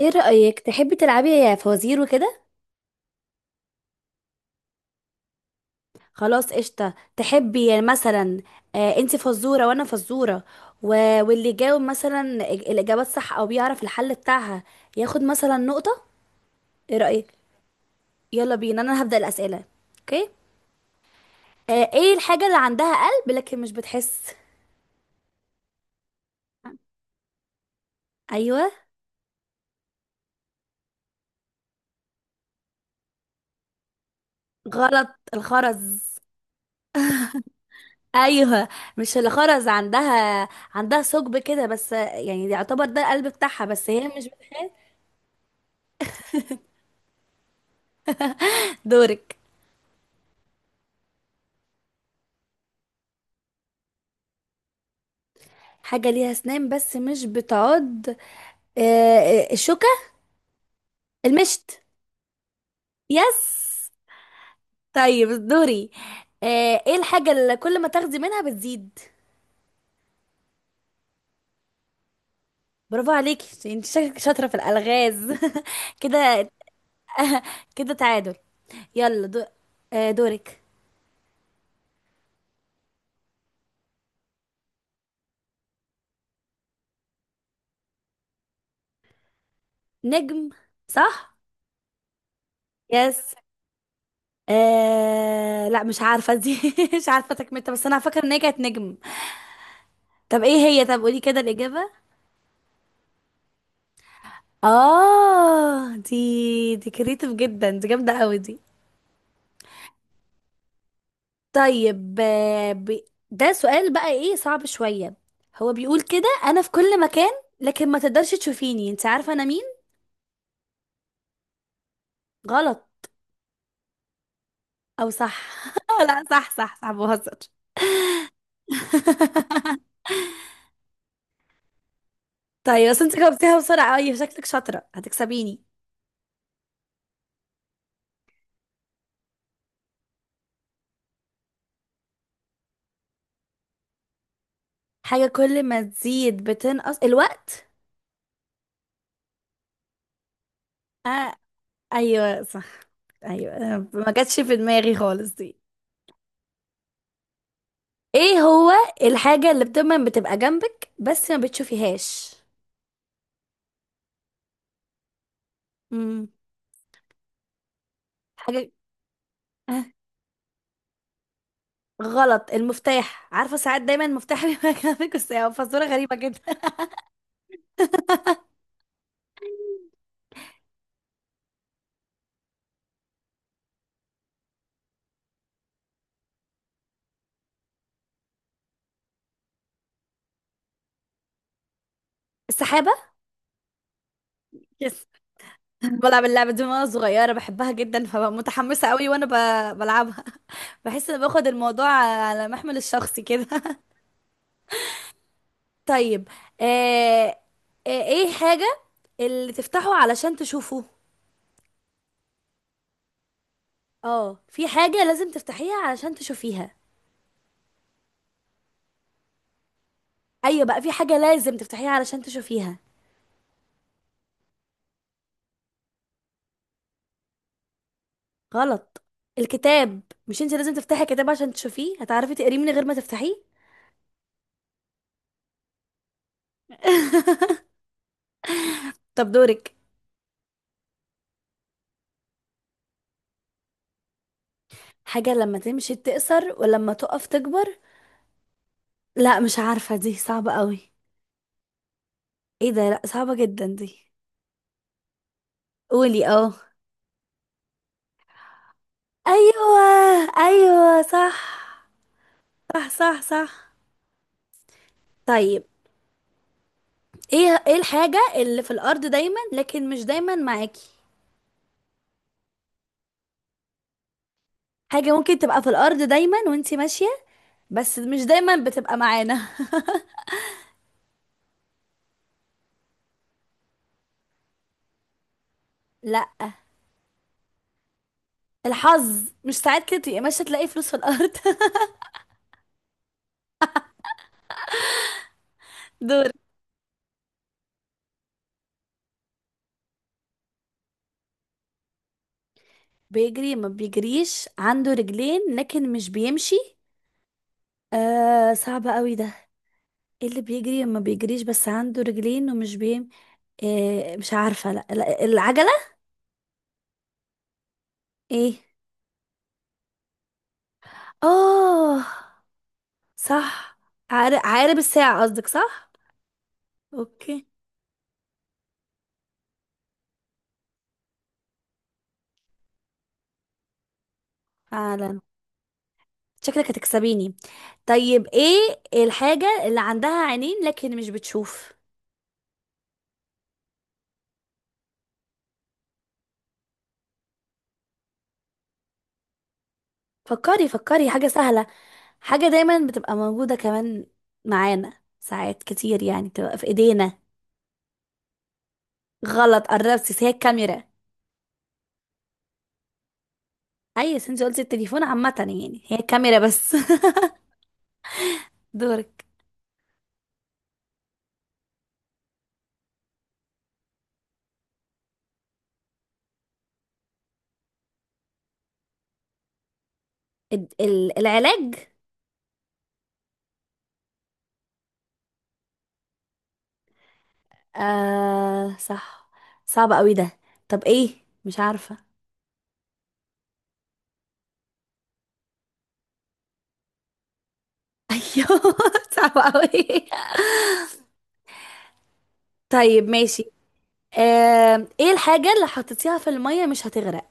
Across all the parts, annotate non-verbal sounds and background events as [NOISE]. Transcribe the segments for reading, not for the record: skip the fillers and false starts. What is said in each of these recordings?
ايه رأيك تحبي تلعبي يا فوازير وكده؟ خلاص، قشطة. تحبي يعني مثلا، آه، انت فزورة وانا فزورة و... واللي يجاوب مثلا الإجابات صح او بيعرف الحل بتاعها، ياخد مثلا نقطة. ايه رأيك؟ يلا بينا، انا هبدأ الأسئلة. اوكي. آه، ايه الحاجة اللي عندها قلب لكن مش بتحس؟ ايوه. غلط. الخرز. ايوه. مش الخرز عندها، عندها ثقب كده، بس يعني يعتبر ده القلب بتاعها، بس هي مش بتحس. دورك. حاجة ليها أسنان بس مش بتعض. آه، الشوكة. المشط. يس. طيب، دوري. ايه الحاجة اللي كل ما تاخدي منها بتزيد؟ برافو عليكي، انت شكلك شاطرة في الألغاز [LAUGHS] كده. [LAUGHS] كده تعادل. يلا. دورك. نجم. صح. يس. لا، مش عارفة دي [LAUGHS] مش عارفة تكملتها، بس أنا فاكرة إن هي كانت نجم. طب إيه هي؟ طب قولي كده الإجابة. اه، دي كريتيف جدا، دي جامده قوي دي. طيب، ده سؤال بقى، ايه، صعب شويه. هو بيقول كده، انا في كل مكان، لكن ما تقدرش تشوفيني، انت عارفه انا مين؟ غلط. او صح. [LAUGHS] لا، صح صح صح، بهزر. [LAUGHS] طيب، بس انت جاوبتيها بسرعه، اي شكلك شاطره هتكسبيني. حاجه كل ما تزيد بتنقص، الوقت. آه، ايوه، صح. ايوه، ما جاتش في دماغي خالص دي. ايه هو، الحاجة اللي دايما بتبقى جنبك بس ما بتشوفيهاش؟ امم. حاجة. آه، غلط، المفتاح، عارفة ساعات دايما المفتاح بيبقى [LAUGHS] جنبك، بس هي فزورة غريبة جدا. [LAUGHS] السحابة. يس. بلعب اللعبة دي من وانا صغيرة، بحبها جدا، فببقى متحمسة قوي وانا بلعبها [LAUGHS] بحس ان باخد الموضوع على محمل الشخصي كده [LAUGHS] طيب. آه... ايه حاجة اللي تفتحه علشان تشوفه؟ اه، في حاجة لازم تفتحيها علشان تشوفيها. ايوه بقى، في حاجه لازم تفتحيها علشان تشوفيها. غلط. الكتاب. مش انت لازم تفتحي كتاب عشان تشوفيه؟ هتعرفي تقريه من غير ما تفتحيه. [LAUGHS] طب، دورك. حاجه لما تمشي تقصر ولما تقف تكبر. لا، مش عارفه دي، صعبه قوي. ايه ده؟ لا، صعبه جدا دي. قولي اه. ايوه، ايوه، صح، صح، صح، صح. طيب، ايه الحاجه اللي في الارض دايما لكن مش دايما معاكي؟ حاجه ممكن تبقى في الارض دايما وانتي ماشيه، بس مش دايما بتبقى معانا. لا. الحظ، مش ساعات كده تبقي ماشيه تلاقي فلوس في الارض؟ [LAUGHS] دور. بيجري ما بيجريش، عنده رجلين لكن مش بيمشي. آه، صعب قوي ده. ايه اللي بيجري ما بيجريش بس عنده رجلين ومش. مش عارفه. لا، لا، العجله. ايه؟ اه، صح. عقارب الساعه قصدك، صح. اوكي. فعلا. شكلك هتكسبيني. طيب، ايه الحاجه اللي عندها عينين لكن مش بتشوف؟ فكري، فكري، حاجه سهله. حاجة دايما بتبقى موجودة كمان، معانا ساعات كتير، يعني بتبقى في ايدينا. غلط، قربتي، بس هي الكاميرا. اي، بس انت قلتي التليفون عامة، يعني هي الكاميرا بس. [LAUGHS] دورك. العلاج. آه، صح. صعب قوي ده. طب ايه؟ مش عارفة [LAUGHS] ايوه. صعب قوي. طيب، ماشي. آه، ايه الحاجة اللي حطيتيها في المية مش هتغرق؟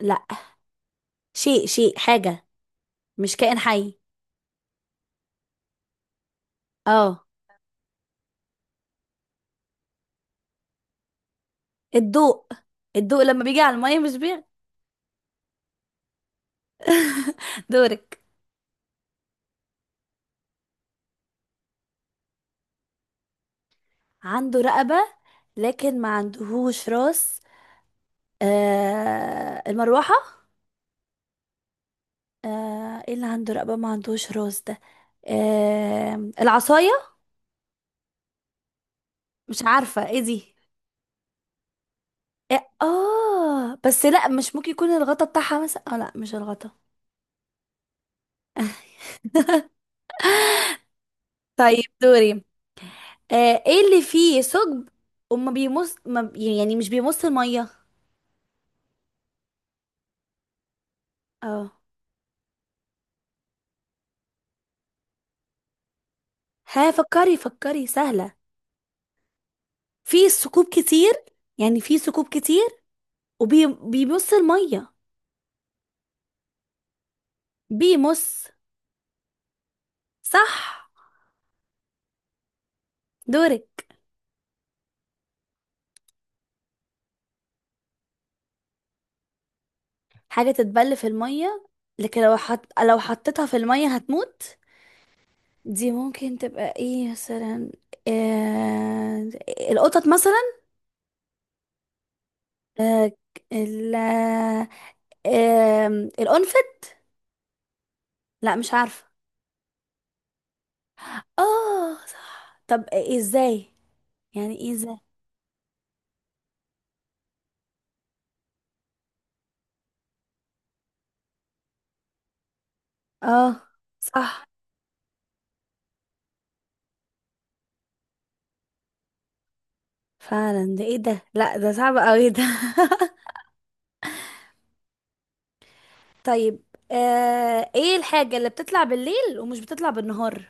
لا. شيء، شيء، حاجة. مش كائن حي. اه. الضوء. الضوء لما بيجي على المية مش بيغ [LAUGHS] دورك. عنده رقبة لكن ما عندهوش راس. آه، المروحة. آه، ايه اللي عنده رقبة ما عندهوش راس ده؟ آه، العصاية. مش عارفة ايه دي. إيه؟ اه بس لا، مش ممكن يكون الغطا بتاعها مثلا؟ اه لا، مش الغطا. [LAUGHS] طيب، دوري. آه، ايه اللي فيه ثقب وما بيمص، ما بي- يعني مش بيمص المية؟ اه. ها، فكري، فكري، سهلة. في ثقوب كتير. يعني في ثقوب كتير، وبيمص المية. بيمص. صح. دورك. حاجة تتبل في المية لكن لو حطيتها في المية هتموت. دي ممكن تبقى ايه مثلا؟ آه... القطط مثلا. آه... ال... القنفذ. لا، مش عارفة. اه، صح، طب إيه ازاي؟ يعني ايه ازاي؟ اه. صح، فعلا، ده ايه ده؟ لا، ده صعب قوي ده [LAUGHS] طيب، ايه الحاجة اللي بتطلع بالليل ومش بتطلع بالنهار؟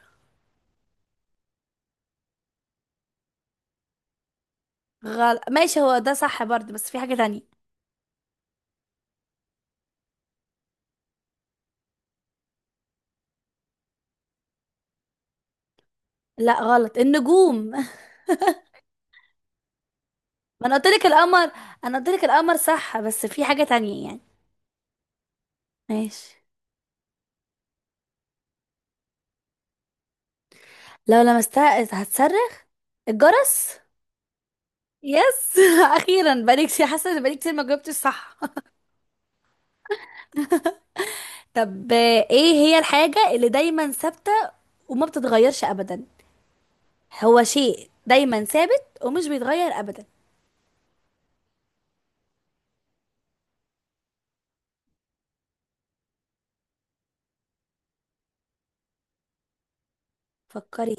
غلط، ماشي، هو ده صح برضه بس في حاجة تانية. لا، غلط، النجوم. [LAUGHS] ما انا قلت لك القمر. انا قلت لك القمر صح، بس في حاجة تانية يعني. ماشي. لو لمستها هتصرخ؟ الجرس. يس [LAUGHS] اخيرا، بقالي كتير حاسه ان بقالي كتير ما جاوبتش صح. [LAUGHS] طب، ايه هي الحاجه اللي دايما ثابته وما بتتغيرش ابدا؟ هو شيء دايما ثابت ومش بيتغير ابدا. فكري.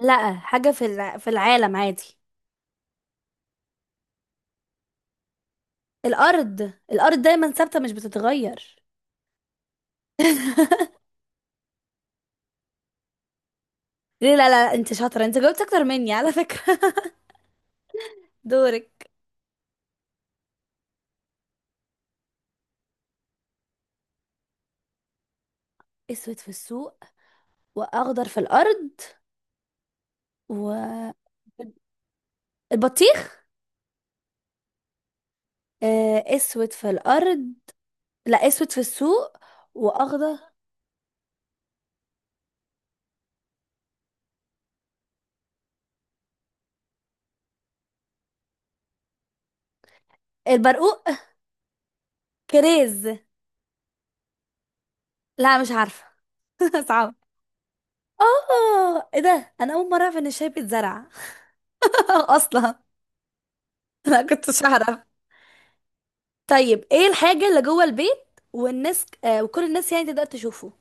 لا، حاجة في في العالم عادي. الأرض. الأرض دايما ثابتة مش بتتغير. [LAUGHS] ليه؟ لا، لا، انت شاطرة، انت جاوبت أكتر مني على فكرة. [LAUGHS] دورك. أسود في السوق وأخضر في الأرض والبطيخ؟ أسود في الأرض. لا، أسود في السوق وأخضر. البرقوق. كريز. لا، مش عارفة. [LAUGHS] صعب. اه، ايه ده؟ انا اول مره اعرف ان الشاي بيتزرع [LAUGHS] اصلا. انا كنتش اعرف. طيب، ايه الحاجة اللي جوه البيت والناس، وكل الناس يعني تقدر تشوفه؟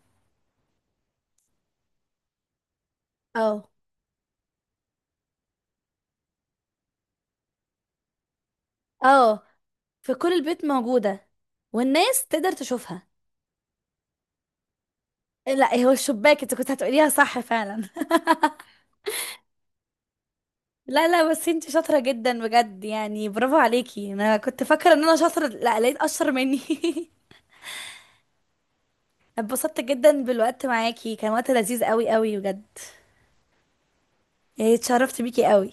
اه. اه، في كل البيت موجودة والناس تقدر تشوفها. لا، هو الشباك، انت كنت هتقوليها صح فعلا [LAUGHS] لا، لا، بس انت شاطرة جدا بجد، يعني برافو عليكي، انا كنت فاكرة ان انا شاطرة، لا، لقيت اشطر مني. [LAUGHS] اتبسطت جدا بالوقت معاكي، كان وقت لذيذ قوي قوي بجد. إيه، اتشرفت بيكي قوي.